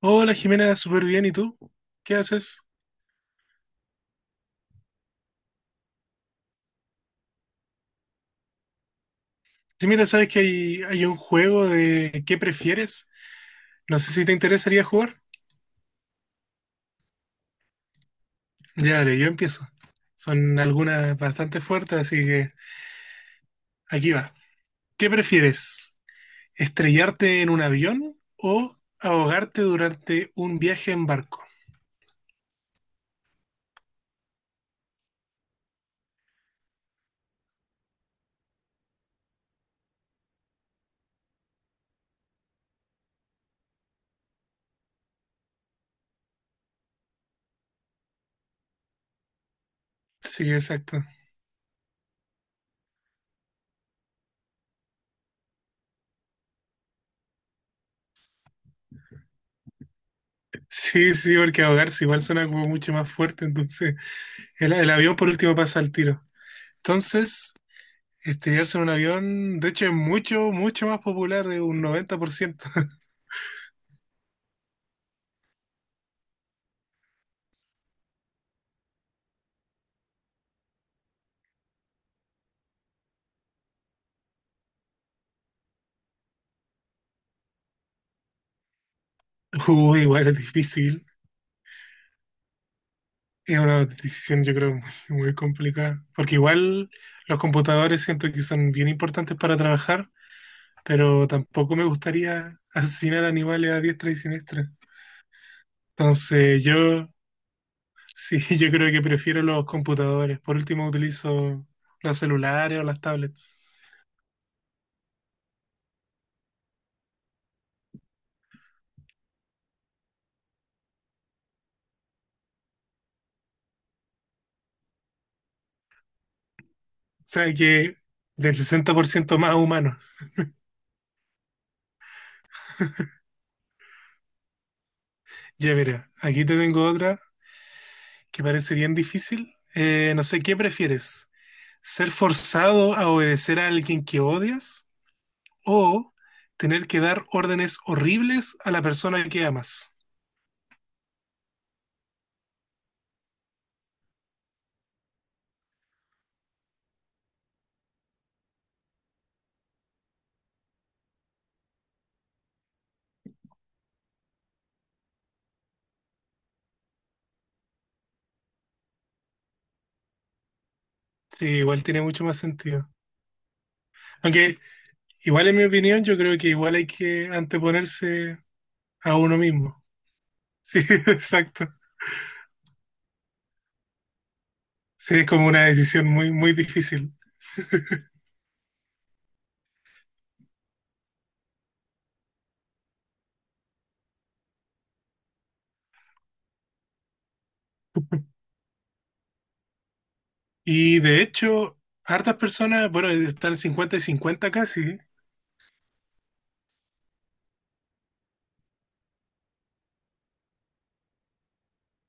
Hola Jimena, súper bien. ¿Y tú? ¿Qué haces? Sí, mira, sabes que hay un juego de ¿qué prefieres? No sé si te interesaría jugar. Ya, dale, yo empiezo. Son algunas bastante fuertes, así que aquí va. ¿Qué prefieres? ¿Estrellarte en un avión o ahogarte durante un viaje en barco? Sí, exacto. Sí, sí, porque ahogarse igual suena como mucho más fuerte, entonces el avión por último pasa al tiro. Entonces, estrellarse en un avión, de hecho, es mucho, mucho más popular, es un 90%. Uy, igual es difícil. Es una decisión, yo creo, muy, muy complicada. Porque igual los computadores siento que son bien importantes para trabajar, pero tampoco me gustaría asesinar animales a diestra y siniestra. Entonces, yo sí, yo creo que prefiero los computadores. Por último, utilizo los celulares o las tablets. O sea que del 60% más humano. Ya verá, aquí te tengo otra que parece bien difícil. No sé, ¿qué prefieres? ¿Ser forzado a obedecer a alguien que odias o tener que dar órdenes horribles a la persona que amas? Sí, igual tiene mucho más sentido. Aunque igual en mi opinión yo creo que igual hay que anteponerse a uno mismo. Sí, exacto. Sí, es como una decisión muy, muy difícil. Y de hecho, hartas personas, bueno, están 50 y 50 casi.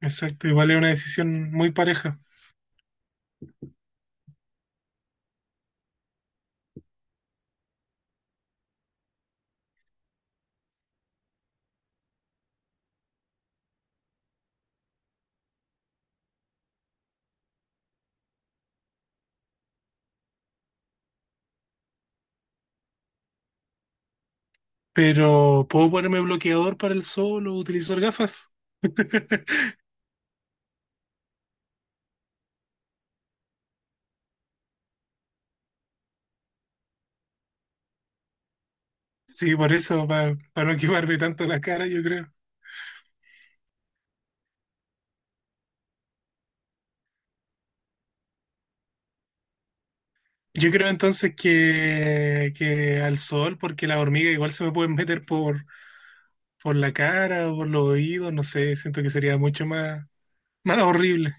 Exacto, igual es una decisión muy pareja. Pero ¿puedo ponerme bloqueador para el sol o utilizar gafas? Sí, por eso, para no quemarme tanto la cara, yo creo. Yo creo entonces que al sol, porque las hormigas igual se me pueden meter por la cara o por los oídos, no sé, siento que sería mucho más, más horrible.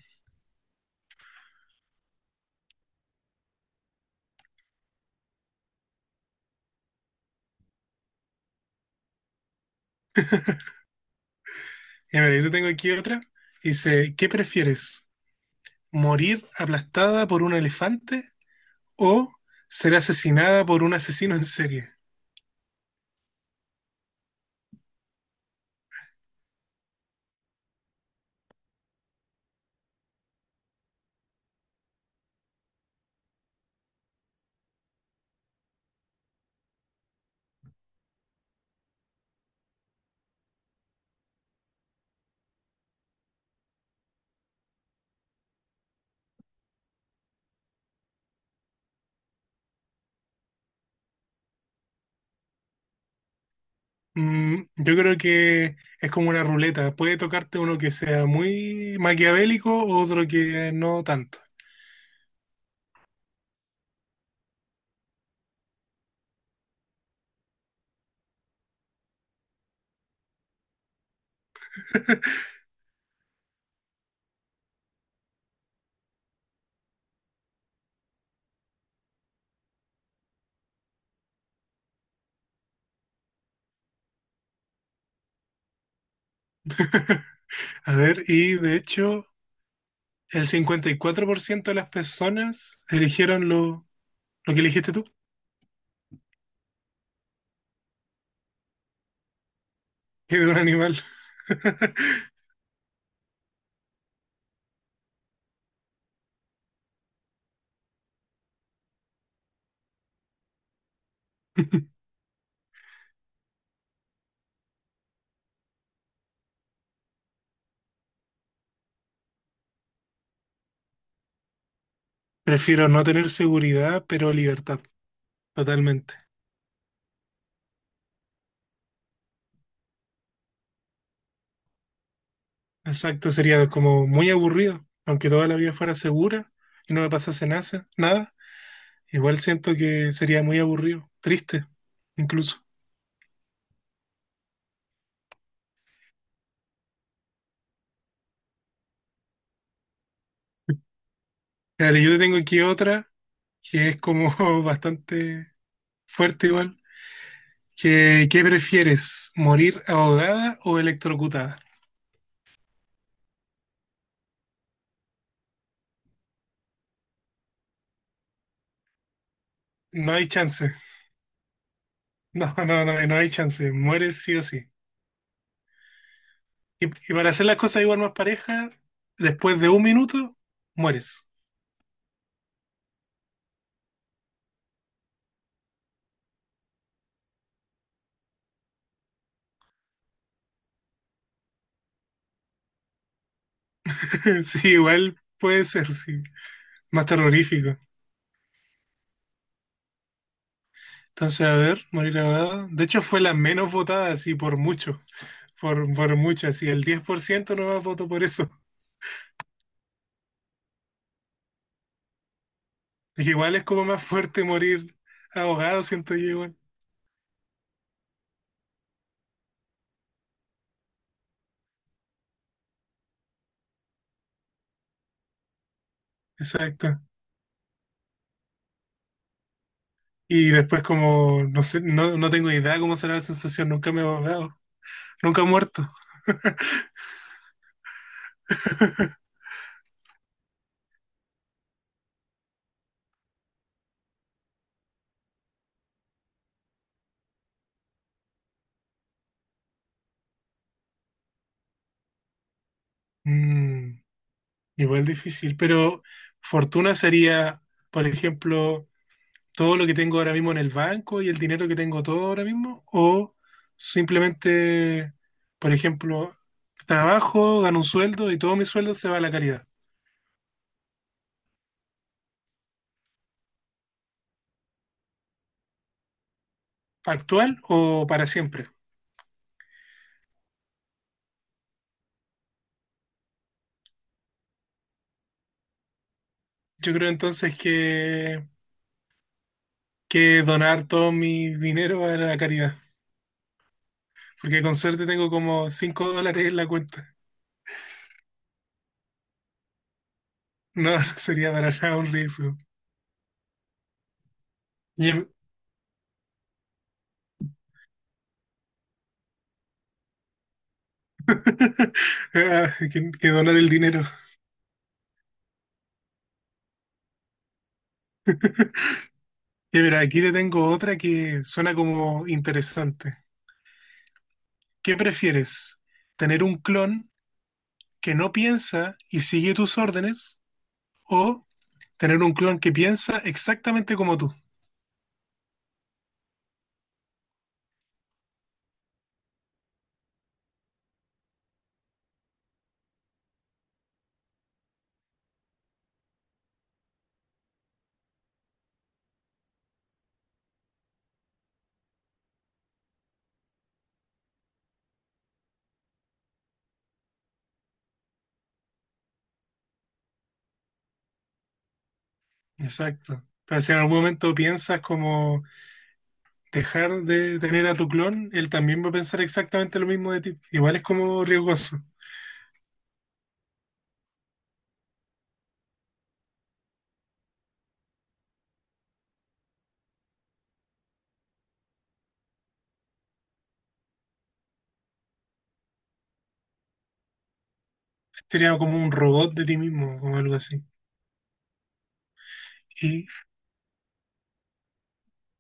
Y me yo tengo aquí otra, dice, ¿qué prefieres? ¿Morir aplastada por un elefante o ser asesinada por un asesino en serie? Mm, yo creo que es como una ruleta. Puede tocarte uno que sea muy maquiavélico, otro que no tanto. A ver, y de hecho, el 54% de las personas eligieron lo que elegiste tú, que de un animal. Prefiero no tener seguridad, pero libertad, totalmente. Exacto, sería como muy aburrido, aunque toda la vida fuera segura y no me pasase nasa- nada, igual siento que sería muy aburrido, triste, incluso. Claro, yo tengo aquí otra que es como bastante fuerte igual, que ¿qué prefieres, morir ahogada o electrocutada? No hay chance, no, no, no, no hay chance, mueres sí o sí. Y para hacer las cosas igual más parejas, después de un minuto, mueres. Sí, igual puede ser, sí, más terrorífico. Entonces, a ver, morir abogado. De hecho, fue la menos votada, así por mucho. Por mucho, así el 10% no más votó por eso. Es que igual es como más fuerte morir ahogado, siento yo igual. Exacto. Y después como, no sé, no, no tengo idea cómo será la sensación. Nunca me he ahogado. Nunca he muerto. Mm, igual difícil, pero fortuna sería, por ejemplo, todo lo que tengo ahora mismo en el banco y el dinero que tengo todo ahora mismo, o simplemente, por ejemplo, trabajo, gano un sueldo y todo mi sueldo se va a la caridad, actual o para siempre. Yo creo entonces que donar todo mi dinero a la caridad, porque con suerte tengo como $5 en la cuenta. No, no sería para nada un riesgo. Y em- Ah, que donar el dinero. Y mira, aquí te tengo otra que suena como interesante. ¿Qué prefieres? ¿Tener un clon que no piensa y sigue tus órdenes? ¿O tener un clon que piensa exactamente como tú? Exacto. Pero si en algún momento piensas como dejar de tener a tu clon, él también va a pensar exactamente lo mismo de ti. Igual es como riesgoso. Sería como un robot de ti mismo o algo así. Y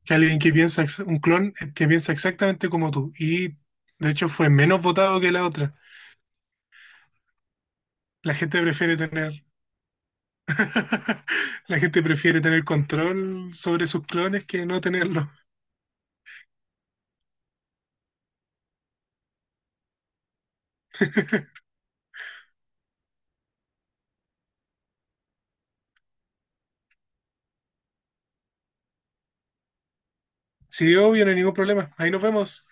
que alguien que piensa, ex- un clon que piensa exactamente como tú. Y de hecho fue menos votado que la otra. La gente prefiere tener la gente prefiere tener control sobre sus clones que no tenerlo. Sí, obvio, no hay ningún problema. Ahí nos vemos.